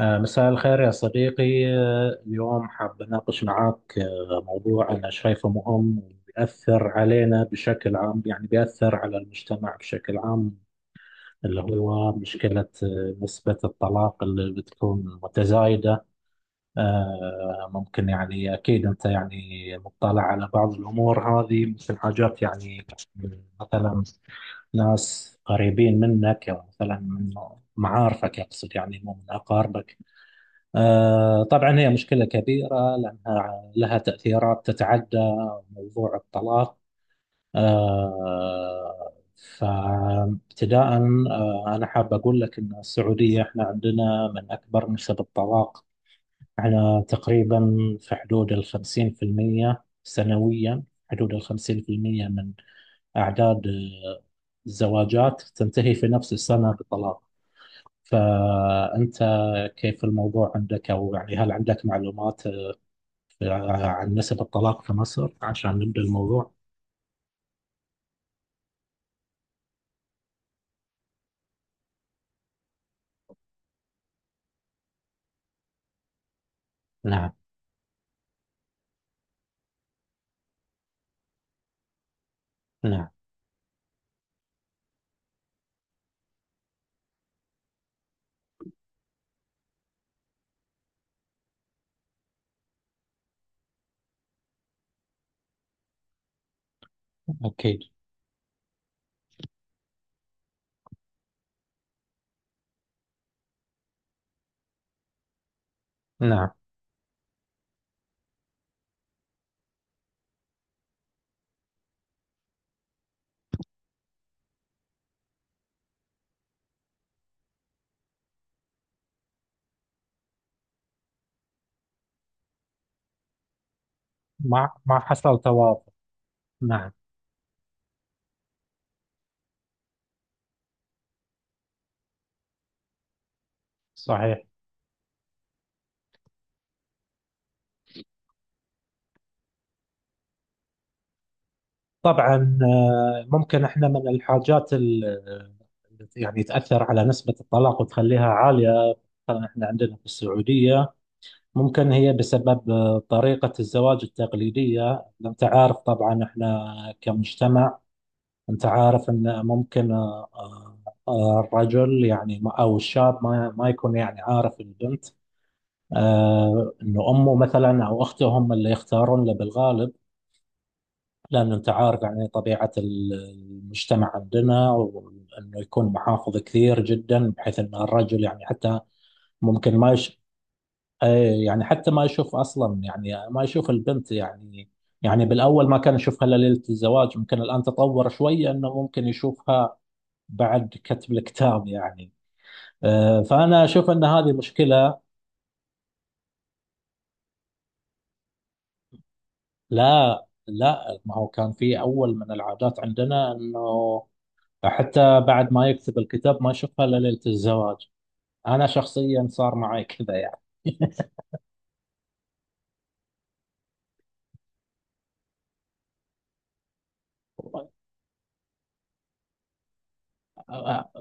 مساء الخير يا صديقي. اليوم حاب أناقش معك موضوع أنا شايفه مهم وبيأثر علينا بشكل عام، يعني بيأثر على المجتمع بشكل عام، اللي هو مشكلة نسبة الطلاق اللي بتكون متزايدة. ممكن يعني أكيد أنت يعني مطلع على بعض الأمور هذه، مثل حاجات يعني مثلا ناس قريبين منك، أو مثلا من معارفك، أقصد يعني مو من أقاربك. طبعا هي مشكلة كبيرة، لأنها لها تأثيرات تتعدى موضوع الطلاق. آه، فابتداء أنا حاب أقول لك أن السعودية إحنا عندنا من أكبر نسب الطلاق. إحنا تقريبا في حدود الخمسين في المية سنويا، حدود الخمسين في المية من أعداد الزواجات تنتهي في نفس السنة بطلاق. فأنت كيف الموضوع عندك، أو يعني هل عندك معلومات عن نسب الطلاق في مصر عشان نبدأ الموضوع؟ نعم. نعم. أكيد. نعم. مع حصل توافق. نعم، صحيح. طبعا، ممكن احنا من الحاجات اللي يعني تأثر على نسبة الطلاق وتخليها عالية. مثلا احنا عندنا في السعودية ممكن هي بسبب طريقة الزواج التقليدية. انت عارف طبعا احنا كمجتمع، أنت عارف أن ممكن الرجل يعني أو الشاب ما يكون يعني عارف البنت، إنه أمه مثلا أو أخته هم اللي يختارون له بالغالب. لأن أنت عارف يعني طبيعة المجتمع عندنا، وإنه يكون محافظ كثير جدا، بحيث أن الرجل يعني حتى ممكن ما يش... إيه، يعني حتى ما يشوف أصلا، يعني ما يشوف البنت يعني، يعني بالأول ما كان يشوفها إلا ليلة الزواج. ممكن الآن تطور شوية أنه ممكن يشوفها بعد كتب الكتاب يعني. فأنا أشوف أن هذه مشكلة. لا، لا، ما هو كان في أول من العادات عندنا أنه حتى بعد ما يكتب الكتاب ما يشوفها إلا ليلة الزواج. أنا شخصيا صار معي كذا يعني.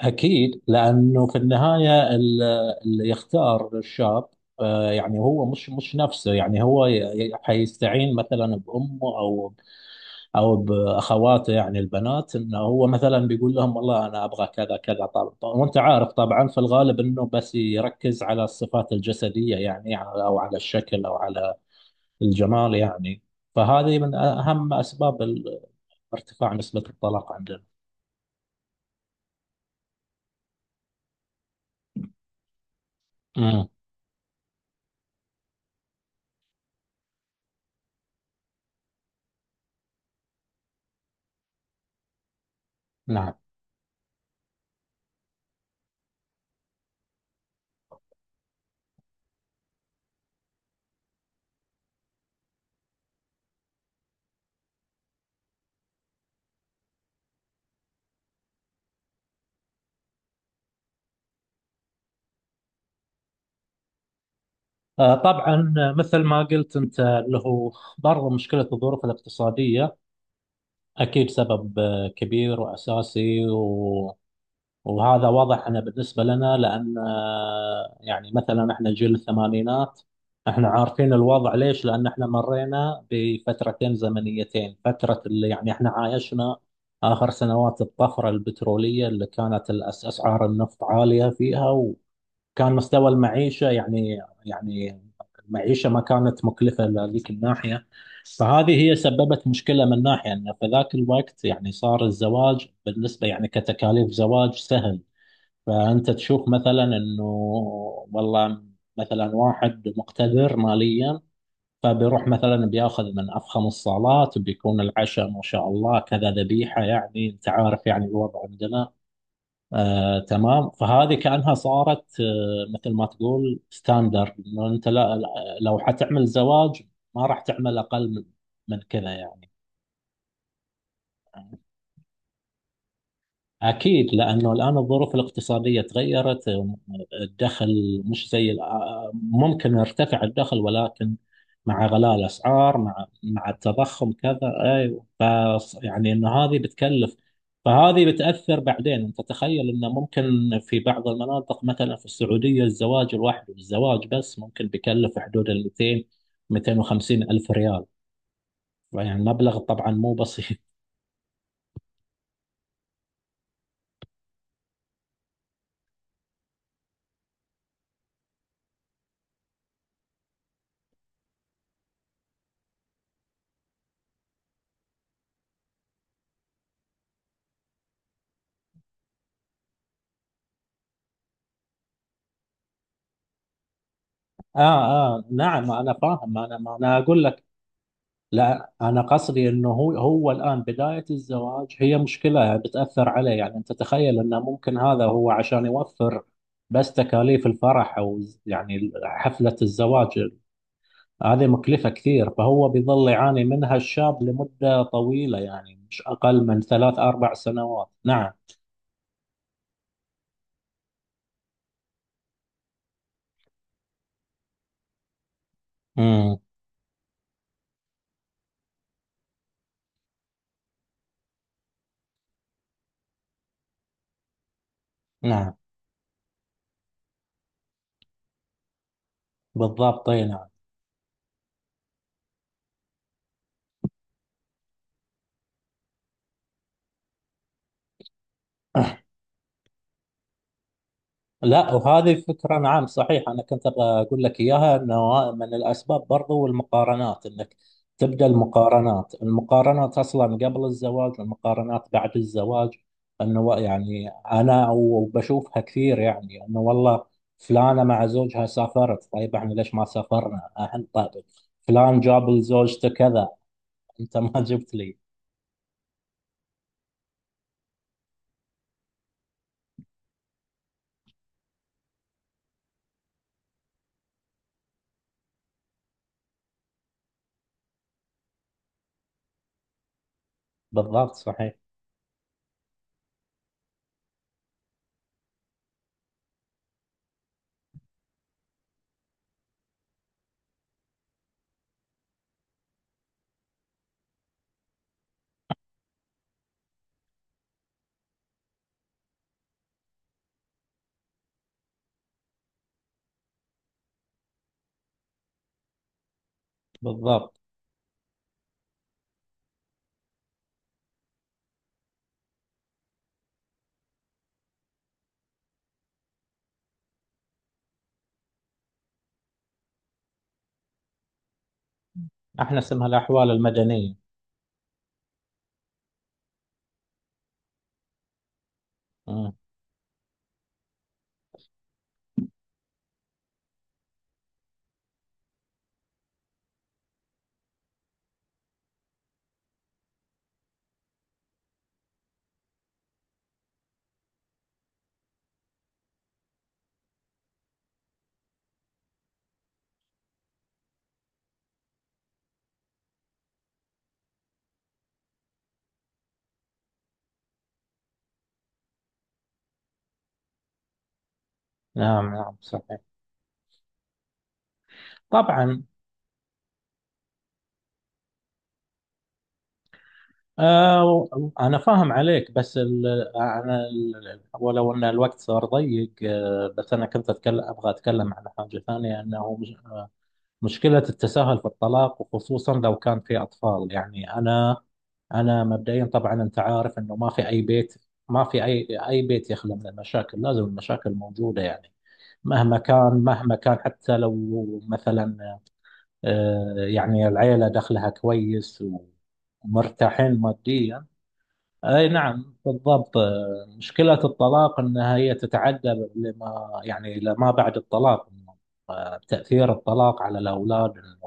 أكيد، لأنه في النهاية اللي يختار الشاب، يعني هو مش نفسه، يعني هو حيستعين مثلا بأمه او او باخواته، يعني البنات، انه هو مثلا بيقول لهم والله انا ابغى كذا كذا. طبعا وانت عارف طبعا في الغالب انه بس يركز على الصفات الجسديه، يعني يعني او على الشكل او على الجمال يعني. فهذه من اهم اسباب ارتفاع نسبه الطلاق عندنا. امم. نعم. طبعا مثل ما قلت انت اللي هو برضه مشكله الظروف الاقتصاديه، اكيد سبب كبير واساسي. وهذا واضح أنا بالنسبة لنا، لأن يعني مثلا احنا جيل الثمانينات، احنا عارفين الوضع ليش؟ لأن احنا مرينا بفترتين زمنيتين، فترة اللي يعني احنا عايشنا آخر سنوات الطفرة البترولية اللي كانت أسعار النفط عالية فيها، وكان مستوى المعيشة يعني، يعني المعيشة ما كانت مكلفة لذيك الناحية. فهذه هي سببت مشكلة من ناحية أن في ذاك الوقت يعني صار الزواج بالنسبة يعني كتكاليف زواج سهل. فأنت تشوف مثلا إنه والله مثلا واحد مقتدر ماليا، فبيروح مثلا بياخذ من أفخم الصالات، بيكون العشاء ما شاء الله كذا ذبيحة، يعني أنت عارف يعني الوضع عندنا. آه تمام، فهذه كأنها صارت آه مثل ما تقول ستاندرد، إنه أنت لو حتعمل زواج ما راح تعمل أقل من من كذا يعني. أكيد، لأنه الآن الظروف الاقتصادية تغيرت. الدخل مش زي ممكن يرتفع الدخل، ولكن مع غلاء الأسعار، مع التضخم كذا، أيوة، يعني إن هذه بتكلف. فهذه بتأثر. بعدين أنت تخيل إنه ممكن في بعض المناطق مثلا في السعودية، الزواج الواحد، الزواج بس، ممكن بيكلف حدود ال 200 250 ألف ريال. يعني مبلغ طبعا مو بسيط. آه. آه نعم، أنا فاهم. أنا ما أنا أقول، لا، أنا قصدي أنه هو هو الآن بداية الزواج هي مشكلة بتأثر عليه. يعني أنت تخيل أنه ممكن هذا هو عشان يوفر بس تكاليف الفرح أو يعني حفلة الزواج، هذه مكلفة كثير، فهو بيظل يعاني منها الشاب لمدة طويلة، يعني مش أقل من ثلاث أربع سنوات. نعم. امم. نعم. بالضبط أي نعم. لا، وهذه فكرة، نعم صحيح، أنا كنت أبغى أقول لك إياها، أنه من الأسباب برضو المقارنات، أنك تبدأ المقارنات، المقارنات أصلا قبل الزواج، المقارنات بعد الزواج، أنه يعني أنا وبشوفها كثير، يعني أنه والله فلانة مع زوجها سافرت، طيب إحنا ليش ما سافرنا أحنا؟ طيب فلان جاب لزوجته كذا، أنت ما جبت لي. بالضبط صحيح. بالضبط. إحنا اسمها الأحوال المدنية. أمم، نعم، نعم صحيح، طبعا. آه أنا فاهم عليك، بس ال، أنا ال، ولو أن الوقت صار ضيق آه، بس أنا كنت أتكلم، أبغى أتكلم عن حاجة ثانية، أنه مش آه مشكلة التساهل في الطلاق، وخصوصا لو كان في أطفال. يعني أنا أنا مبدئيا طبعا، أنت عارف أنه ما في أي بيت، ما في أي بيت يخلى من المشاكل، لازم المشاكل موجودة يعني، مهما كان، مهما كان، حتى لو مثلا آه يعني العيلة دخلها كويس و مرتاحين ماديا. اي نعم بالضبط. مشكلة الطلاق انها هي تتعدى، لما يعني لما بعد الطلاق، تأثير الطلاق على الاولاد إنه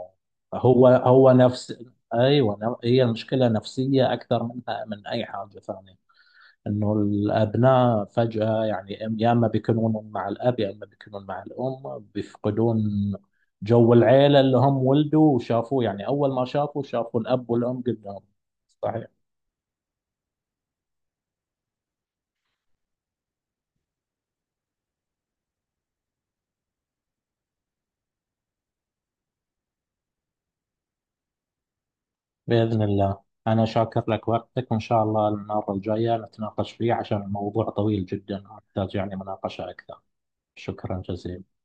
هو هو نفس ايوه، هي مشكلة نفسية اكثر منها من اي حاجة ثانية، انه الابناء فجأة يعني يا اما بيكونون مع الاب، يا اما بيكونون مع الام، بيفقدون جو العيلة اللي هم ولدوا وشافوه، يعني اول ما شافوا شافوا الاب والام قدامهم. صحيح. بإذن الله، أنا شاكر لك وقتك، وإن شاء الله المرة الجاية نتناقش فيه، عشان الموضوع طويل جدا ومحتاج يعني مناقشة أكثر. شكرا جزيلا.